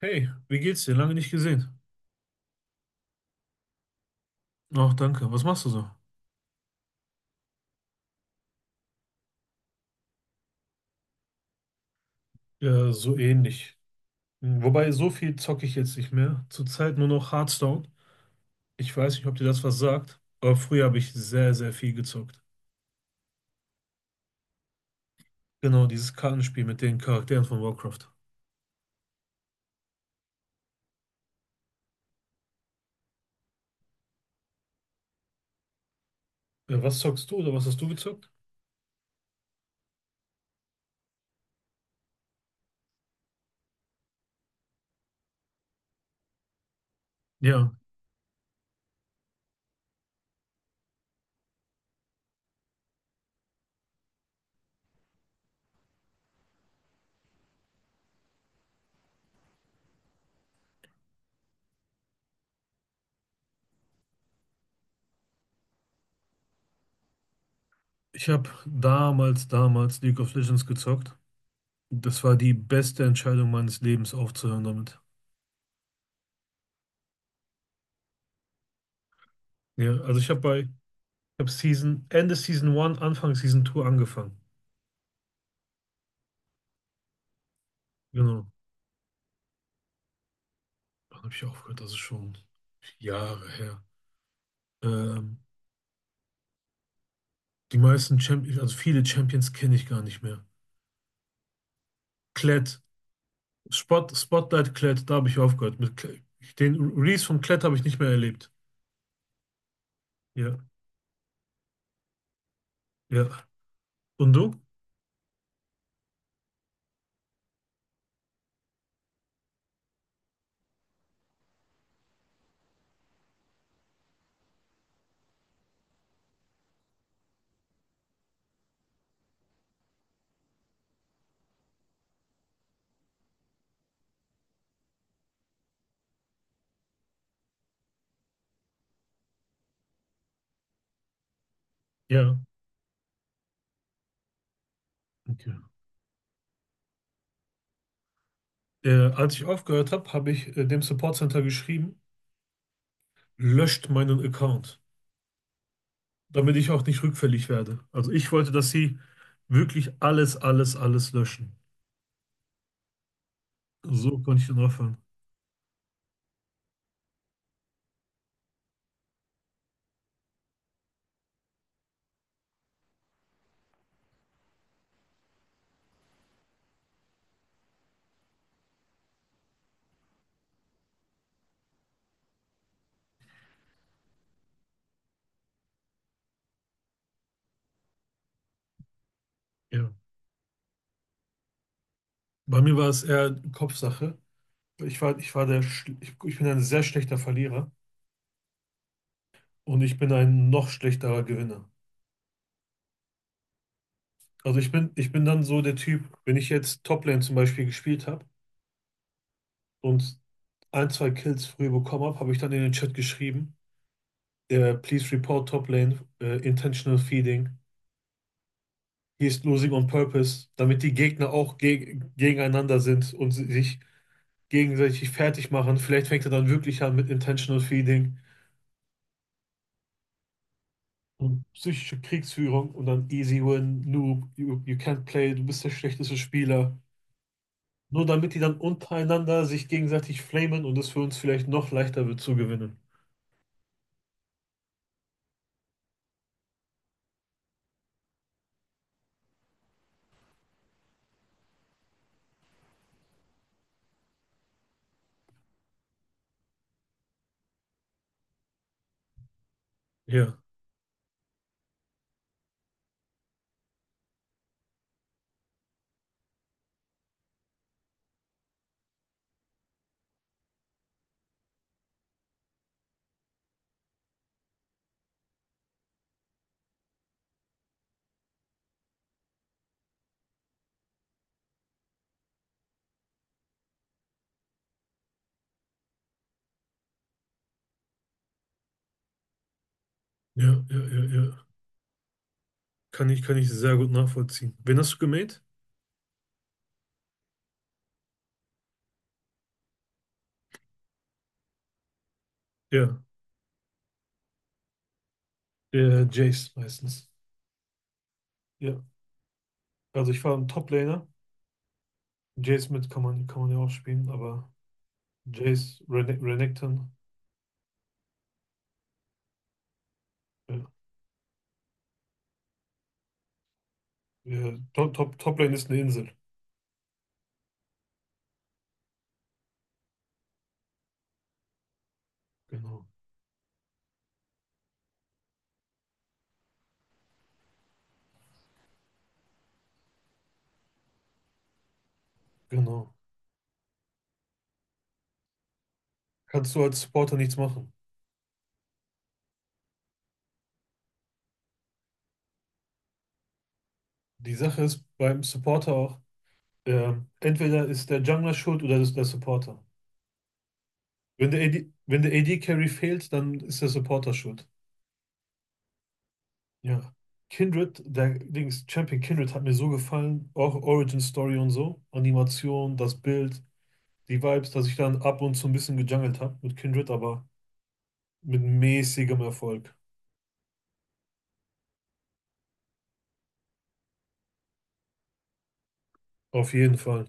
Hey, wie geht's dir? Lange nicht gesehen. Ach, danke. Was machst du so? Ja, so ähnlich. Wobei, so viel zocke ich jetzt nicht mehr. Zurzeit nur noch Hearthstone. Ich weiß nicht, ob dir das was sagt, aber früher habe ich sehr, sehr viel gezockt. Genau, dieses Kartenspiel mit den Charakteren von Warcraft. Ja, was zockst du oder was hast du gezockt? Ja, ich habe damals League of Legends gezockt. Das war die beste Entscheidung meines Lebens, aufzuhören damit. Ja, also ich habe Season, Ende Season 1, Anfang Season 2 angefangen. Genau. Wann habe ich aufgehört? Das ist schon Jahre her. Ähm, Die meisten Champions, also viele Champions kenne ich gar nicht mehr. Klett, Spotlight Klett, da habe ich aufgehört. Mit Klett. Den Release von Klett habe ich nicht mehr erlebt. Ja, ja. Und du? Ja, okay. Als ich aufgehört habe, habe ich dem Support Center geschrieben, löscht meinen Account, damit ich auch nicht rückfällig werde. Also ich wollte, dass sie wirklich alles, alles, alles löschen. So konnte ich dann aufhören. Ja. Bei mir war es eher Kopfsache. Ich war der, Schl- ich bin ein sehr schlechter Verlierer und ich bin ein noch schlechterer Gewinner. Also ich bin dann so der Typ, wenn ich jetzt Toplane zum Beispiel gespielt habe und ein, zwei Kills früh bekommen habe, habe ich dann in den Chat geschrieben, please report Toplane, intentional feeding, he is losing on purpose, damit die Gegner auch gegeneinander sind und sich gegenseitig fertig machen. Vielleicht fängt er dann wirklich an mit intentional feeding. Und psychische Kriegsführung und dann easy win, noob, you can't play, du bist der schlechteste Spieler. Nur damit die dann untereinander sich gegenseitig flamen und es für uns vielleicht noch leichter wird zu gewinnen. Ja, ja, ja, ja, ja. Kann ich sehr gut nachvollziehen. Wen hast du gemäht? Ja, Jace meistens. Ja, also ich war ein Top-Laner. Jace mit kann man ja auch spielen, aber Jace, Renekton, ja, ja, Top-Lane ist eine Insel. Genau, genau. Kannst du als Supporter nichts machen. Die Sache ist beim Supporter auch, entweder ist der Jungler schuld oder ist der Supporter. Wenn der AD-Carry fehlt, dann ist der Supporter schuld. Ja. Kindred, der Dings, Champion Kindred hat mir so gefallen. Auch Origin Story und so. Animation, das Bild, die Vibes, dass ich dann ab und zu ein bisschen gejungelt habe mit Kindred, aber mit mäßigem Erfolg. Auf jeden Fall.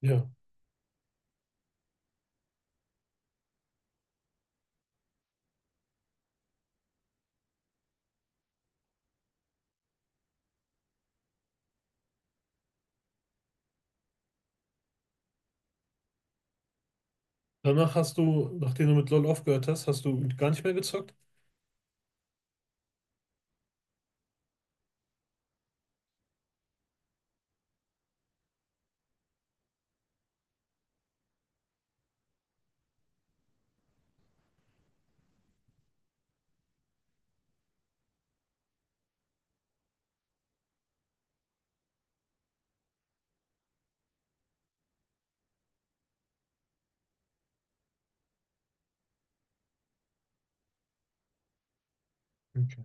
Ja. Danach hast du, nachdem du mit LoL aufgehört hast, hast du gar nicht mehr gezockt? Okay.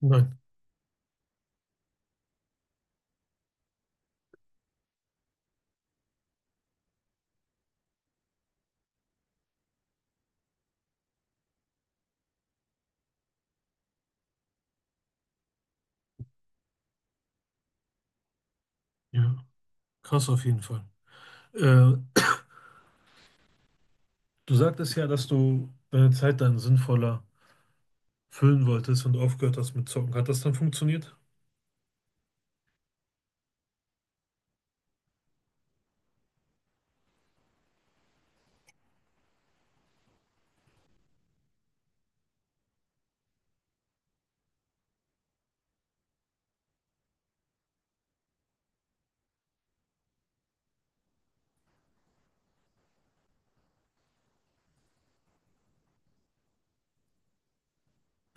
Nein. Ja. Krass auf jeden Fall. Äh, Du sagtest ja, dass du deine Zeit dann sinnvoller füllen wolltest und aufgehört hast mit Zocken. Hat das dann funktioniert?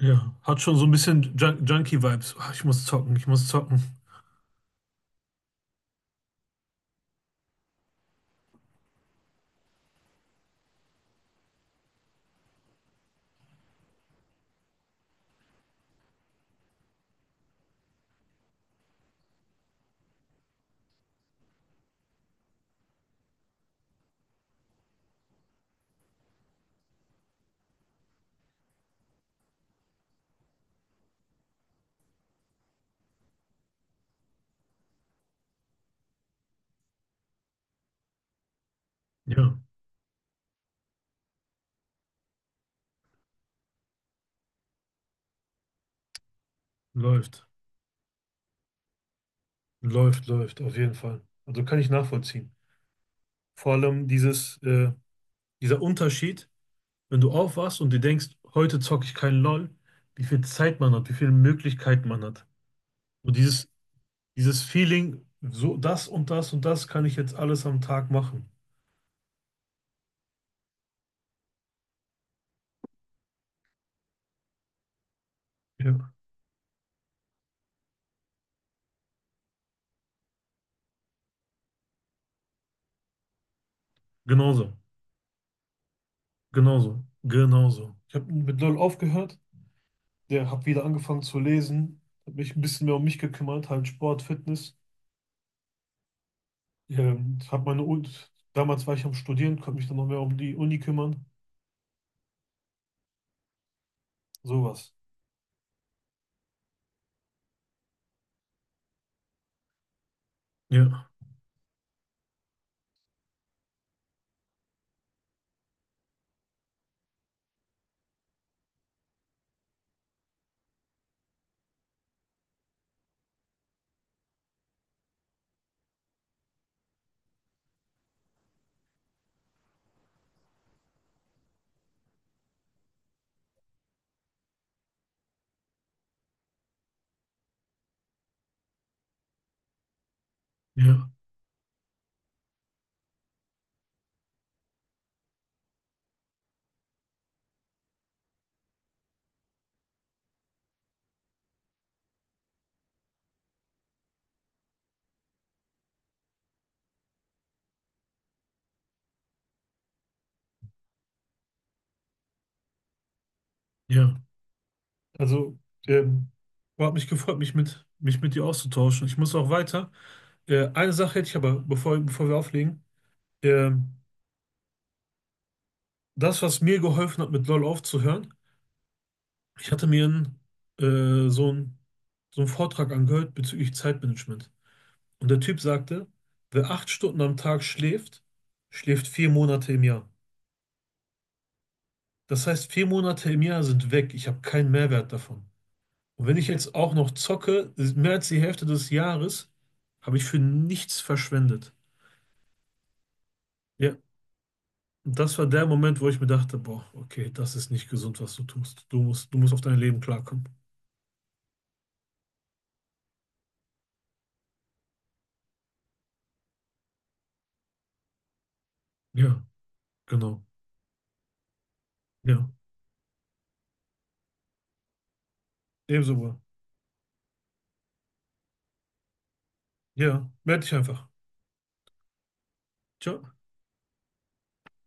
Ja, hat schon so ein bisschen Junkie-Vibes. Ah, ich muss zocken, ich muss zocken. Ja, läuft. Läuft, auf jeden Fall. Also kann ich nachvollziehen. Vor allem dieses, dieser Unterschied, wenn du aufwachst und dir denkst, heute zocke ich keinen LOL, wie viel Zeit man hat, wie viele Möglichkeiten man hat. Und dieses Feeling, so das und das und das kann ich jetzt alles am Tag machen. Ja, genauso. Genauso. Ich habe mit LOL aufgehört, der habe wieder angefangen zu lesen, habe mich ein bisschen mehr um mich gekümmert, halt Sport, Fitness. Habe meine Uni, damals war ich am Studieren, konnte mich dann noch mehr um die Uni kümmern, sowas. Ja, ja, ja. Also, ähm, hat mich gefreut, mich mit dir auszutauschen. Ich muss auch weiter. Eine Sache hätte ich aber, bevor wir auflegen. Ähm, das, was mir geholfen hat, mit LOL aufzuhören, ich hatte mir einen, so einen, so einen Vortrag angehört bezüglich Zeitmanagement. Und der Typ sagte, wer 8 Stunden am Tag schläft, schläft 4 Monate im Jahr. Das heißt, 4 Monate im Jahr sind weg. Ich habe keinen Mehrwert davon. Und wenn ich jetzt auch noch zocke, ist mehr als die Hälfte des Jahres habe ich für nichts verschwendet. Ja, und das war der Moment, wo ich mir dachte, boah, okay, das ist nicht gesund, was du tust. Du musst auf dein Leben klarkommen. Ja, genau. Ja, ebenso. Bruder. Ja, meld dich einfach. Ciao.